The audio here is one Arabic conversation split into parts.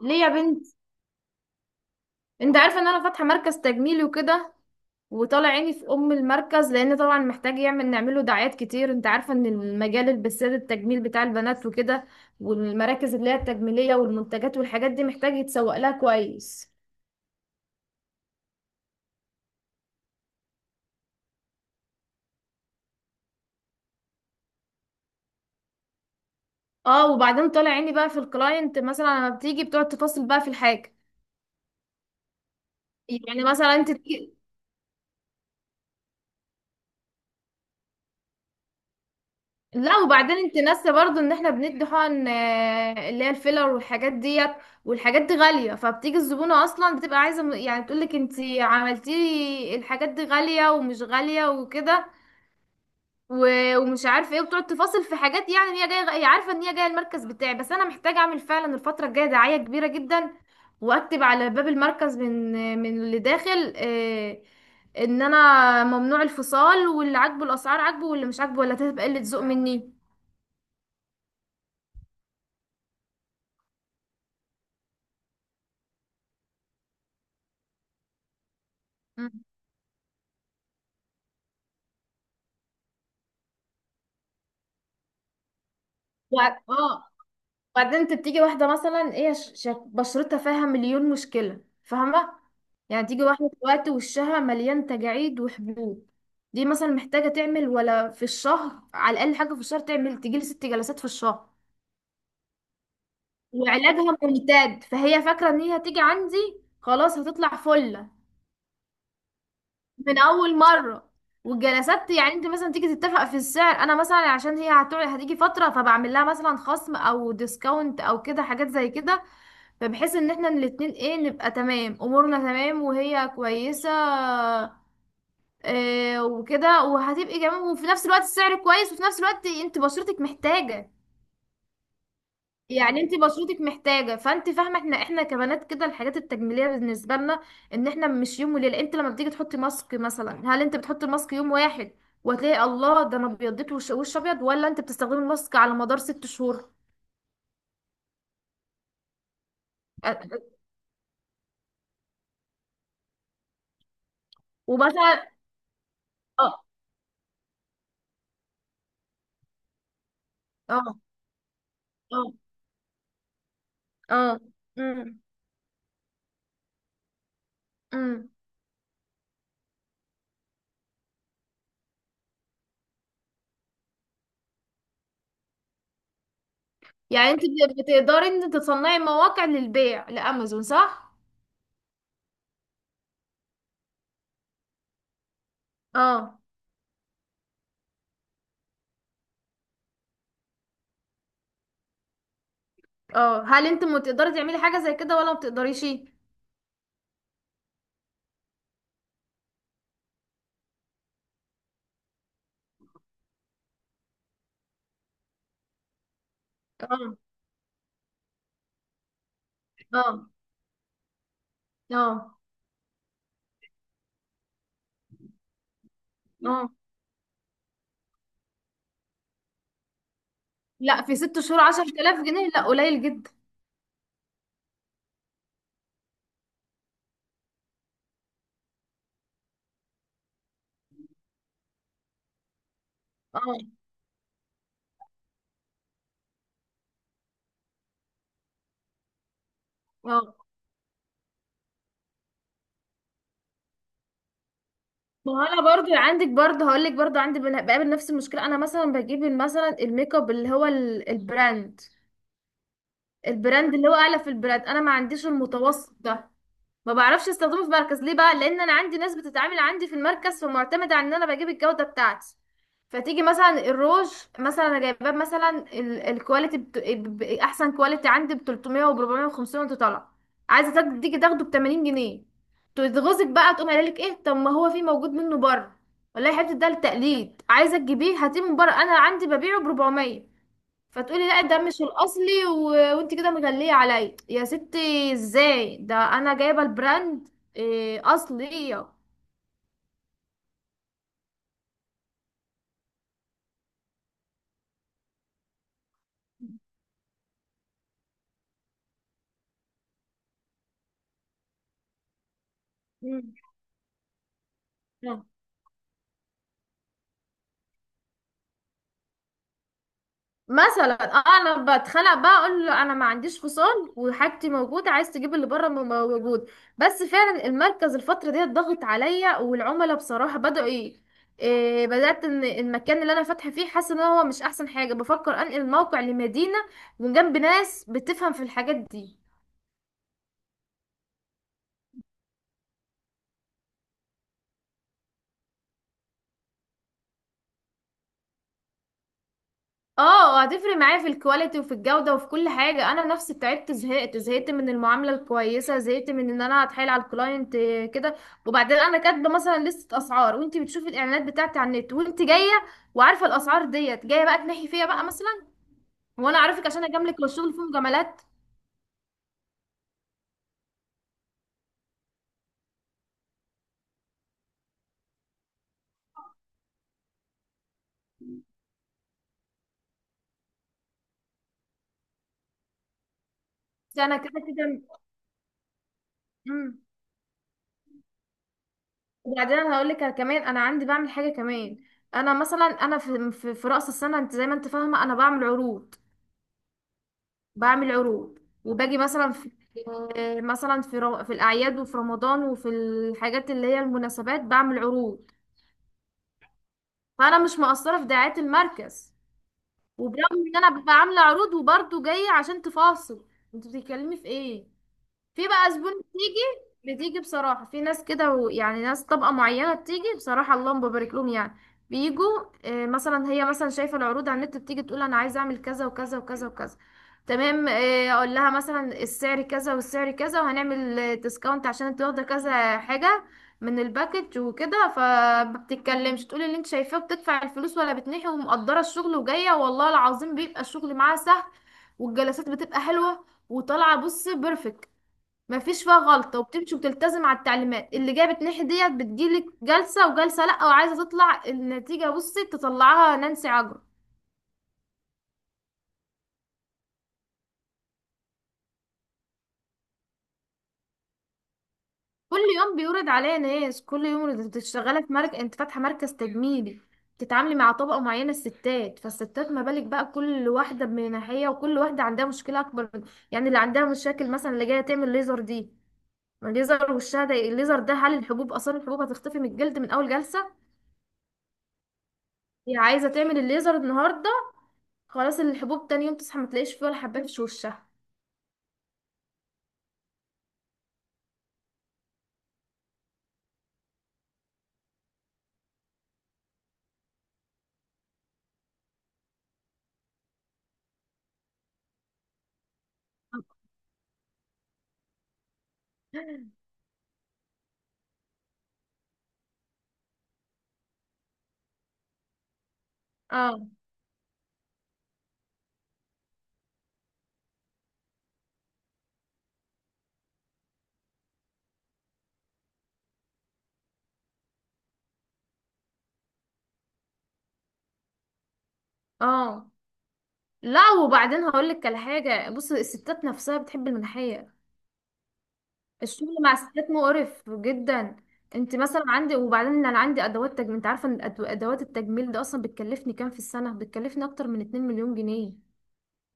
ليه يا بنت؟ انت عارفه ان انا فاتحه مركز تجميلي وكده، وطالع عيني في ام المركز لان طبعا محتاج يعمل نعمله دعايات كتير. انت عارفه ان المجال البساد التجميل بتاع البنات وكده، والمراكز اللي هي التجميليه والمنتجات والحاجات دي محتاج يتسوق لها كويس. اه، وبعدين طالع عيني بقى في الكلاينت مثلا لما بتيجي بتقعد تفاصل بقى في الحاجه. يعني مثلا انت، لا وبعدين انت ناسه برضو ان احنا بندي حقن اللي هي الفيلر والحاجات ديت. والحاجات دي غالية، فبتيجي الزبونة اصلا بتبقى عايزة يعني بتقولك: انت عملتي لي الحاجات دي غالية ومش غالية وكده، ومش عارفة ايه، وبتقعد تفاصل في حاجات. يعني هي جاية، هي عارفة ان هي جاية المركز بتاعي. بس انا محتاجة اعمل فعلا الفترة الجاية دعاية كبيرة جدا، واكتب على باب المركز من من اللي داخل ان انا ممنوع الفصال، واللي عاجبه الاسعار عاجبه، واللي مش عاجبه ولا هتبقى قلة ذوق مني. اه، وبعدين انت بتيجي واحده مثلا ايه، بشرتها فيها مليون مشكله، فاهمه؟ يعني تيجي واحده دلوقتي وشها مليان تجاعيد وحبوب. دي مثلا محتاجه تعمل ولا في الشهر على الاقل حاجه، في الشهر تعمل، تجيلي 6 جلسات في الشهر. وعلاجها ممتد، فهي فاكره ان هي هتيجي عندي، خلاص هتطلع فله من اول مره. والجلسات يعني انت مثلا تيجي تتفق في السعر. انا مثلا عشان هي هتقعد هتيجي فتره فبعمل لها مثلا خصم او ديسكاونت او كده حاجات زي كده، فبحيث ان احنا الاتنين ايه نبقى تمام، امورنا تمام وهي كويسة. إيه وكده وهتبقي جميل، وفي نفس الوقت السعر كويس، وفي نفس الوقت انت بشرتك محتاجة. يعني انت بشرتك محتاجة، فانت فاهمة احنا احنا كبنات كده الحاجات التجميلية بالنسبة لنا، ان احنا مش يوم وليلة. انت لما بتيجي تحطي ماسك مثلا، هل انت بتحطي الماسك يوم واحد وتلاقي الله ده انا ابيضت وش، وش ابيض، ولا انت بتستخدمي الماسك على مدار 6 شهور؟ أ- ومثلا، اه، اه، اه، اه، امم، أمم. يعني انت بتقدري ان انت تصنعي مواقع للبيع لامازون صح؟ اه، اه، هل انت ما تقدري تعملي حاجه زي كده ولا ما بتقدريش؟ اه، اه، اه، اه، لا، في 6 شهور 10,000 جنيه، لا، قليل جدا. اه، اه. ما هو انا برضو عندك، برضو هقول لك، برضو عندي بقابل نفس المشكله. انا مثلا بجيب مثلا الميك اب اللي هو البراند، البراند اللي هو اعلى في البراند، انا ما عنديش المتوسط ده. ما بعرفش استخدمه في مركز. ليه بقى؟ لان انا عندي ناس بتتعامل عندي في المركز فمعتمده على ان انا بجيب الجوده بتاعتي. فتيجي مثلا الروج، مثلا انا جايباه مثلا الكواليتي احسن كواليتي، عندي ب 300 و 400 و500 وانت طالعه. عايزه تيجي تاخده ب 80 جنيه. تغزك بقى، تقوم قايله لك ايه؟ طب ما هو في موجود منه بره. والله يا حبيبتي ده للتقليد، عايزه تجيبيه هاتيه من بره، انا عندي ببيعه ب 400. فتقولي لا ده مش الاصلي وانت كده مغليه عليا يا ستي، ازاي ده انا جايبه البراند، إيه، اصليه. مم. آه. مثلا انا بتخانق بقى اقول له انا ما عنديش فصال وحاجتي موجوده، عايز تجيب اللي بره موجود. بس فعلا المركز الفتره دي ضغط عليا، والعملاء بصراحه بداوا ايه، إيه، بدات ان المكان اللي انا فاتحه فيه حاسه ان هو مش احسن حاجه، بفكر انقل الموقع لمدينه وجنب ناس بتفهم في الحاجات دي. اه، هتفرق معايا في الكواليتي وفي الجودة وفي كل حاجة. انا نفسي تعبت، زهقت زهقت من المعاملة الكويسة، زهقت من ان انا اتحايل على الكلاينت كده. وبعدين انا كاتبة مثلا لستة اسعار وانت بتشوفي الاعلانات بتاعتي على النت وانت جاية وعارفة الاسعار ديت، جاية بقى تنحي فيا بقى مثلا، وانا اعرفك عشان اجاملك، والشغل فيه مجاملات. ده انا كده كده. مم. وبعدين انا هقول لك كمان، انا عندي بعمل حاجة كمان. انا مثلا انا في رأس السنة انت زي ما انت فاهمة انا بعمل عروض. بعمل عروض، وباجي مثلا في، مثلا في الاعياد وفي رمضان وفي الحاجات اللي هي المناسبات بعمل عروض. فانا مش مقصره في دعايه المركز. وبرغم ان انا ببقى عامله عروض، وبرضه جايه عشان تفاصل، انت بتتكلمي في ايه؟ في بقى زبون بتيجي، بتيجي بصراحة في ناس كده، ويعني ناس طبقة معينة بتيجي، بصراحة اللهم ببارك لهم يعني، بيجوا. مثلا هي مثلا شايفة العروض على النت، بتيجي تقول: أنا عايزة أعمل كذا وكذا وكذا وكذا. تمام، أقول لها مثلا السعر كذا والسعر كذا، وهنعمل ديسكاونت عشان انت واخدة كذا حاجة من الباكج وكده. فما بتتكلمش، تقول اللي انت شايفاه، بتدفع الفلوس، ولا بتنحي ومقدرة الشغل، وجاية والله العظيم بيبقى الشغل معاها سهل، والجلسات بتبقى حلوة وطالعة بص بيرفكت، مفيش فيها غلطة، وبتمشي وبتلتزم على التعليمات. اللي جابت ناحية ديت بتجيلك جلسة وجلسة لأ، وعايزة تطلع النتيجة، بصي تطلعها نانسي عجرم. كل يوم بيورد عليا ناس. كل يوم انت شغالة في مركز، انت فاتحة مركز تجميلي، تتعاملي مع طبقة معينة الستات. فالستات ما بالك بقى كل واحدة من ناحية، وكل واحدة عندها مشكلة أكبر من، يعني اللي عندها مشاكل مثلا اللي جاية تعمل ليزر دي، ما الليزر وشها، ده الليزر ده هل الحبوب، آثار الحبوب هتختفي من الجلد من أول جلسة؟ هي عايزة تعمل الليزر النهاردة، خلاص الحبوب تاني يوم تصحى ما تلاقيش فيه ولا حبات في وشها. اه، اه، لا وبعدين هقول لك على حاجه. بص الستات نفسها بتحب المناحيه. الشغل مع الستات مقرف جدا. انت مثلا عندي، وبعدين انا عندي ادوات تجميل. انت عارفه ان ادوات التجميل ده اصلا بتكلفني كام في السنه؟ بتكلفني اكتر من 2 مليون جنيه.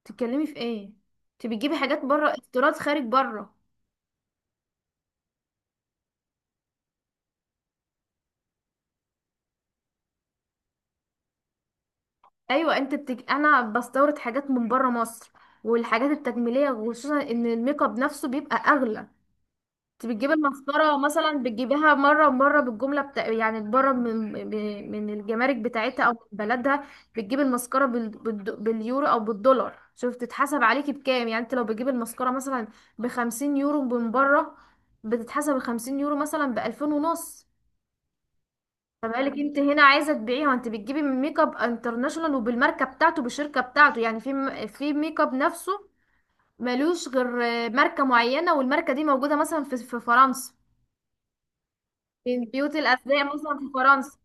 تتكلمي في ايه؟ انت بتجيبي حاجات بره، استيراد خارج بره. ايوه انت انا بستورد حاجات من بره مصر والحاجات التجميليه، وخصوصا ان الميك اب نفسه بيبقى اغلى. انت بتجيبي المسطرة مثلا، بتجيبيها مرة مرة بالجملة بتاع يعني بره من الجمارك بتاعتها او من بلدها. بتجيبي المسكرة باليورو او بالدولار. شوف تتحسب عليكي بكام، يعني انت لو بتجيبي المسكرة مثلا بـ 50 يورو من بره، بتتحسب الـ 50 يورو مثلا بـ 2500. فبقالك انت هنا عايزة تبيعيها وانت بتجيبي من ميك اب انترناشونال وبالماركة بتاعته بالشركة بتاعته. يعني في في ميك اب نفسه ملوش غير ماركة معينة، والماركة دي موجودة مثلا في في فرنسا، من بيوت الأثرياء مثلا في فرنسا.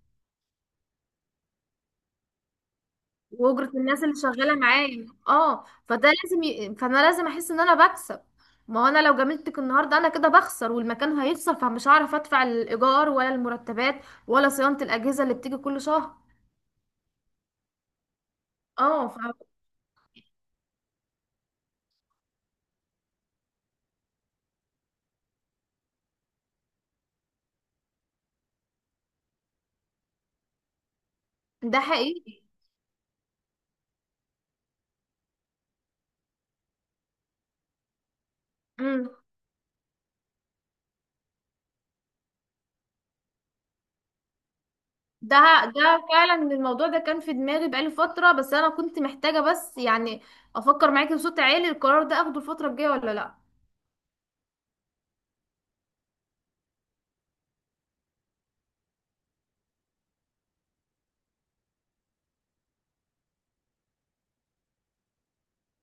وأجرة الناس اللي شغالة معايا، اه، فده لازم فأنا لازم أحس إن أنا بكسب. ما هو أنا لو جاملتك النهاردة أنا كده بخسر، والمكان هيخسر، فمش هعرف أدفع الإيجار، ولا المرتبات، ولا صيانة الأجهزة اللي بتيجي كل شهر. اه، ده حقيقي. مم. ده ده فعلا الموضوع ده كان في دماغي بقالي فترة، بس أنا كنت محتاجة بس يعني أفكر معاكي بصوت عالي: القرار ده أخده الفترة الجاية ولا لأ؟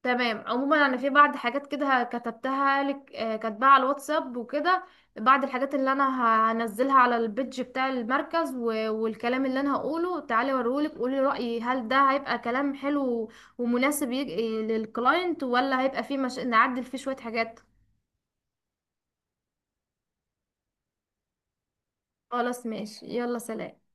تمام، عموما انا في بعض حاجات كده كتبتها لك، كاتباها على الواتساب وكده، بعض الحاجات اللي انا هنزلها على البيدج بتاع المركز والكلام اللي انا هقوله. تعالي اوريهولك قولي رأيي هل ده هيبقى كلام حلو ومناسب للكلاينت ولا هيبقى فيه مش... نعدل فيه شوية حاجات؟ خلاص ماشي، يلا سلام.